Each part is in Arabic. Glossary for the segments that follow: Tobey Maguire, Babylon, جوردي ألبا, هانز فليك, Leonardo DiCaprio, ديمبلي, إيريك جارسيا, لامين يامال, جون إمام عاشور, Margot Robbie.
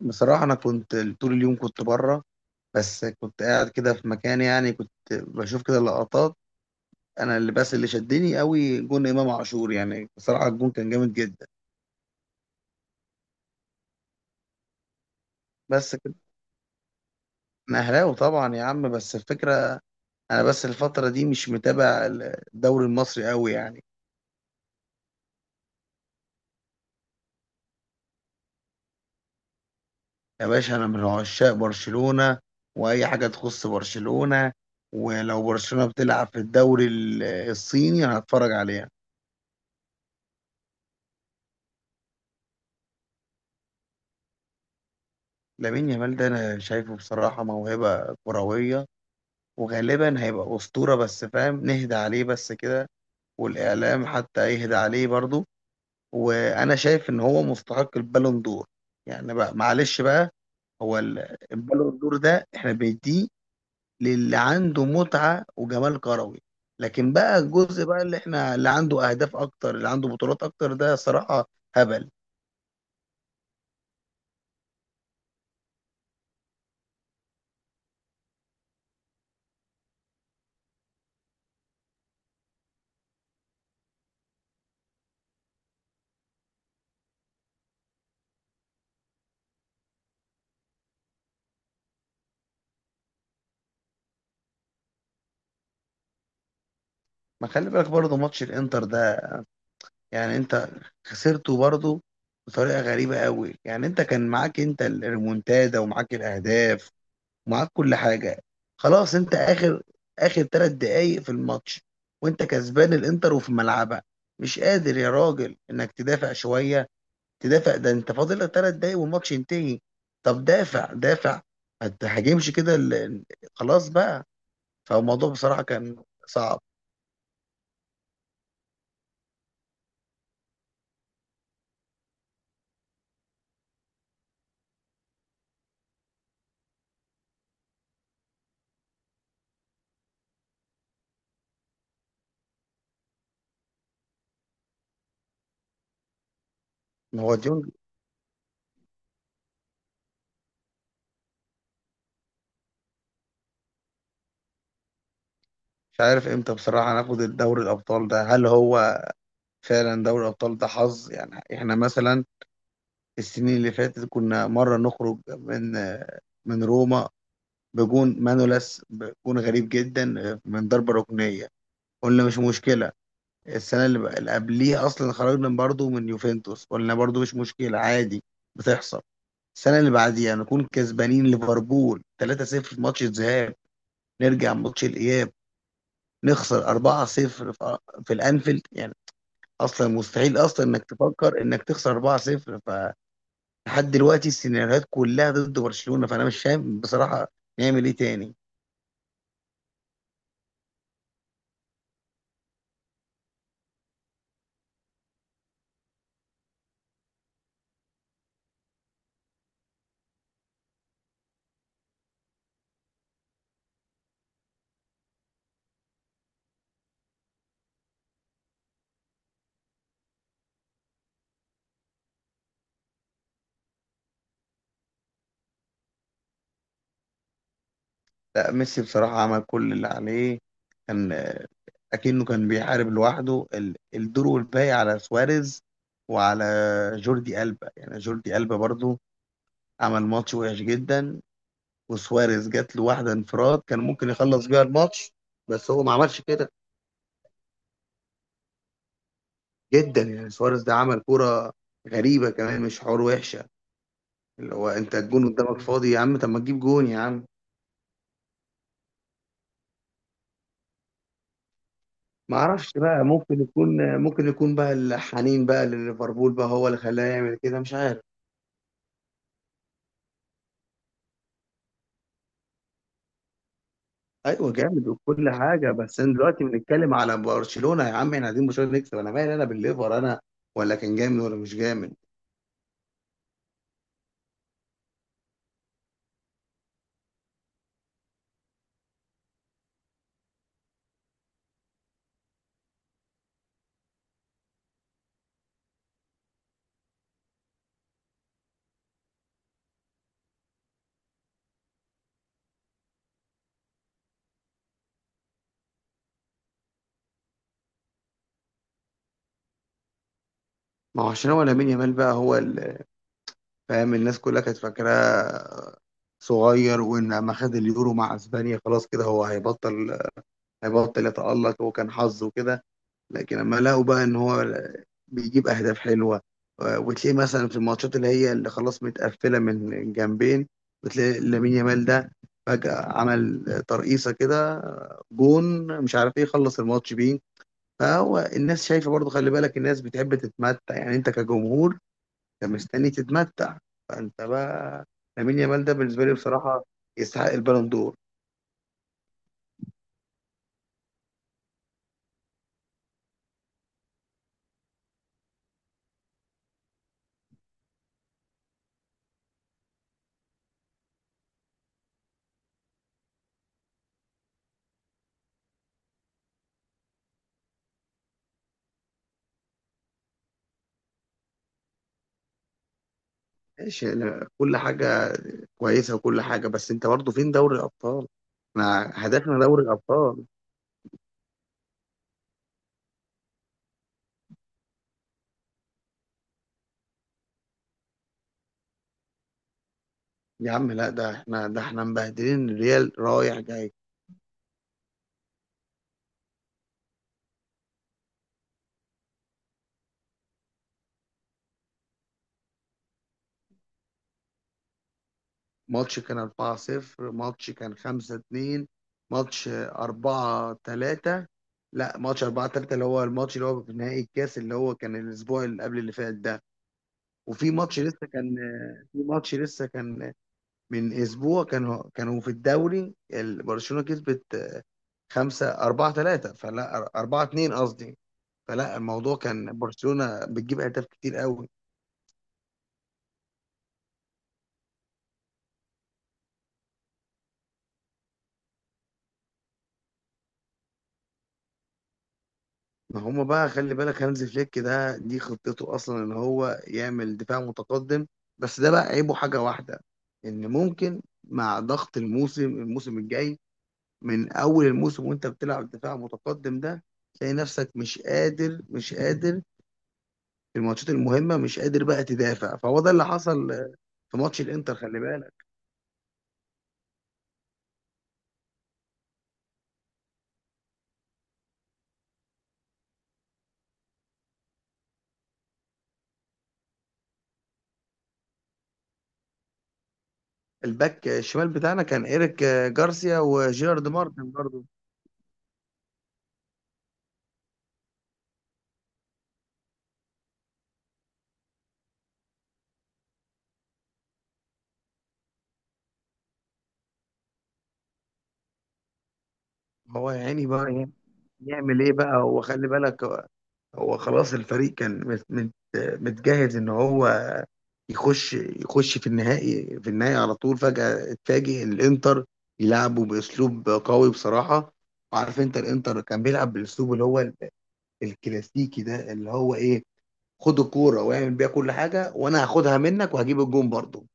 بصراحة أنا كنت طول اليوم كنت بره. بس كنت قاعد كده في مكان، يعني كنت بشوف كده لقطات. أنا اللي شدني قوي جون إمام عاشور، يعني بصراحة الجون كان جامد جدا. بس كنت أنا أهلاوي طبعا يا عم، بس الفكرة أنا بس الفترة دي مش متابع الدوري المصري قوي يعني. يا باشا أنا من عشاق برشلونة، وأي حاجة تخص برشلونة، ولو برشلونة بتلعب في الدوري الصيني أنا هتفرج عليها. لامين يامال ده أنا شايفه بصراحة موهبة كروية، وغالبا هيبقى أسطورة، بس فاهم نهدى عليه بس كده، والإعلام حتى يهدى عليه برضه. وأنا شايف إن هو مستحق البالون دور، يعني بقى معلش بقى. هو البالون دور ده إحنا بنديه للي عنده متعة وجمال كروي، لكن بقى الجزء بقى اللي عنده أهداف أكتر، اللي عنده بطولات أكتر، ده صراحة هبل. ما خلي بالك برضه ماتش الإنتر ده، يعني انت خسرته برضه بطريقه غريبه قوي، يعني انت كان معاك انت الريمونتادا، ومعاك الاهداف، ومعاك كل حاجه. خلاص انت اخر 3 دقايق في الماتش، وانت كسبان الانتر وفي ملعبها، مش قادر يا راجل انك تدافع شويه؟ تدافع ده انت فاضل لك 3 دقايق والماتش ينتهي، طب دافع دافع، ما تهاجمش كده خلاص بقى. فالموضوع بصراحه كان صعب. هو ديونج. مش عارف امتى بصراحه هناخد الدوري الابطال ده، هل هو فعلا دوري الابطال ده حظ؟ يعني احنا مثلا السنين اللي فاتت كنا مره نخرج من روما بجون مانولاس، بجون غريب جدا، من ضربه ركنيه، قلنا مش مشكله. السنه اللي قبليها اصلا خرجنا برضو من يوفنتوس، قلنا برضو مش مشكله، عادي بتحصل. السنه اللي بعديها نكون كسبانين ليفربول 3-0 في ماتش الذهاب، نرجع ماتش الاياب نخسر 4-0 في في الانفيلد يعني، اصلا مستحيل اصلا انك تفكر انك تخسر 4-0. لحد دلوقتي السيناريوهات كلها ضد برشلونة، فانا مش فاهم بصراحة نعمل ايه تاني. لا ميسي بصراحة عمل كل اللي عليه، كان اكنه كان بيحارب لوحده الدور، والباقي على سواريز وعلى جوردي ألبا. يعني جوردي ألبا برضو عمل ماتش وحش جدا، وسواريز جات له واحدة انفراد كان ممكن يخلص بيها الماتش، بس هو ما عملش كده. جدا يعني سواريز ده عمل كرة غريبة كمان، مش حوار وحشة، اللي هو انت الجون قدامك فاضي يا عم، طب ما تجيب جون يا عم. ما اعرفش بقى، ممكن يكون ممكن يكون بقى الحنين بقى لليفربول بقى هو اللي خلاه يعمل كده، مش عارف. ايوه جامد وكل حاجه، بس انا دلوقتي بنتكلم على برشلونه يا عم، احنا عايزين برشلونه نكسب. انا مالي انا بالليفر، انا ولا كان جامد ولا مش جامد. ما هو عشان هو لامين يامال بقى هو فاهم. الناس كلها كانت فاكراه صغير، وان ما خد اليورو مع اسبانيا خلاص كده هو هيبطل، هيبطل يتألق، وكان حظه كده. لكن لما لقوا بقى ان هو بيجيب اهداف حلوه، وتلاقيه مثلا في الماتشات اللي هي اللي خلاص متقفله من جنبين، بتلاقي لامين يامال ده فجاه عمل ترقيصه كده، جون مش عارف ايه، خلص الماتش بيه. فهو الناس شايفه برضه، خلي بالك الناس بتحب تتمتع. يعني انت كجمهور انت مستني تتمتع، فانت بقى لامين يامال ده بالنسبه لي بصراحه يستحق البالون دور. ماشي أنا كل حاجة كويسة وكل حاجة، بس أنت برضه فين دوري الأبطال؟ احنا هدفنا دوري الأبطال. يا عم لا، ده احنا، ده احنا مبهدلين الريال رايح جاي. ماتش كان 4-0، ماتش كان 5-2، ماتش 4-3. لا ماتش 4-3 اللي هو الماتش اللي هو في نهائي الكاس اللي هو كان الأسبوع اللي قبل اللي فات ده. وفي ماتش لسه كان، في ماتش لسه كان من أسبوع، كانوا في الدوري برشلونة كسبت خمسة أربعة ثلاثة، فلا أربعة اتنين قصدي. فلا الموضوع كان برشلونة بتجيب أهداف كتير قوي. ما هم بقى خلي بالك، هانز فليك ده دي خطته أصلا إن هو يعمل دفاع متقدم. بس ده بقى عيبه حاجة واحدة، إن ممكن مع ضغط الموسم الجاي، من أول الموسم وأنت بتلعب دفاع متقدم ده، تلاقي نفسك مش قادر مش قادر في الماتشات المهمة، مش قادر بقى تدافع، فهو ده اللي حصل في ماتش الإنتر خلي بالك. الباك الشمال بتاعنا كان إيريك جارسيا وجيرارد مارتن برضه. هو يا عيني بقى، يعني يعمل ايه بقى، هو خلي بالك هو، هو خلاص الفريق كان متجهز ان هو يخش في النهائي على طول. فجأة اتفاجئ الانتر يلعبوا باسلوب قوي بصراحة. وعارف انت الانتر كان بيلعب بالاسلوب اللي هو الكلاسيكي ده، اللي هو ايه، خد الكورة واعمل بيها كل حاجة، وانا هاخدها منك وهجيب الجون برضه.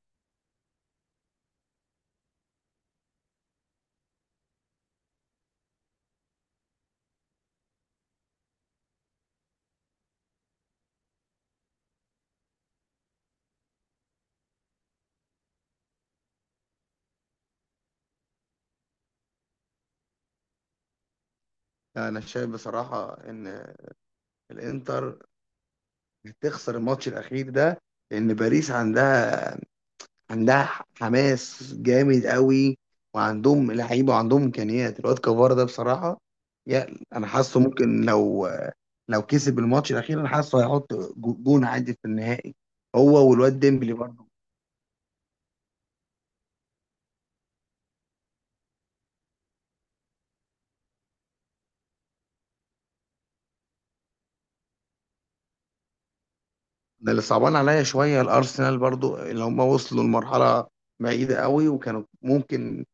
انا شايف بصراحة ان الانتر تخسر الماتش الاخير ده، لان باريس عندها حماس جامد قوي، وعندهم لعيبه وعندهم امكانيات. الواد كفار ده بصراحه، يا انا حاسه ممكن لو، لو كسب الماتش الاخير انا حاسه هيحط جون عادي في النهائي، هو والواد ديمبلي برضه. ده اللي صعبان عليا شويه الارسنال برضه، اللي هم وصلوا لمرحله بعيده قوي، وكانوا ممكن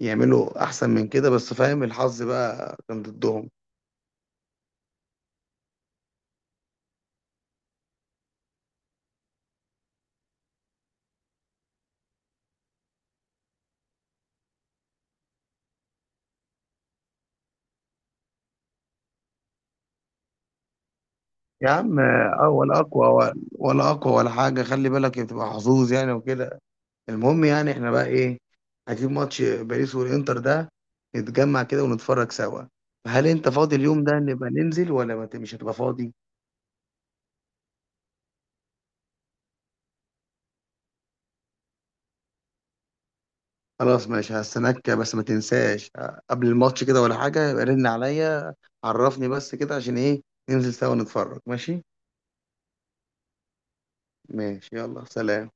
يعملوا احسن من كده، بس فاهم الحظ بقى كان ضدهم. يا عم اه، ولا اقوى ولا اقوى ولا حاجه، خلي بالك بتبقى حظوظ يعني وكده. المهم يعني احنا بقى ايه، هنجيب ماتش باريس والانتر ده نتجمع كده ونتفرج سوا. هل انت فاضي اليوم ده نبقى ننزل، ولا ما ت- مش هتبقى فاضي؟ خلاص ماشي، هستناك، بس ما تنساش قبل الماتش كده ولا حاجه يبقى رن عليا، عرفني بس كده عشان ايه ننزل سوا نتفرج ماشي. ماشي يلا سلام.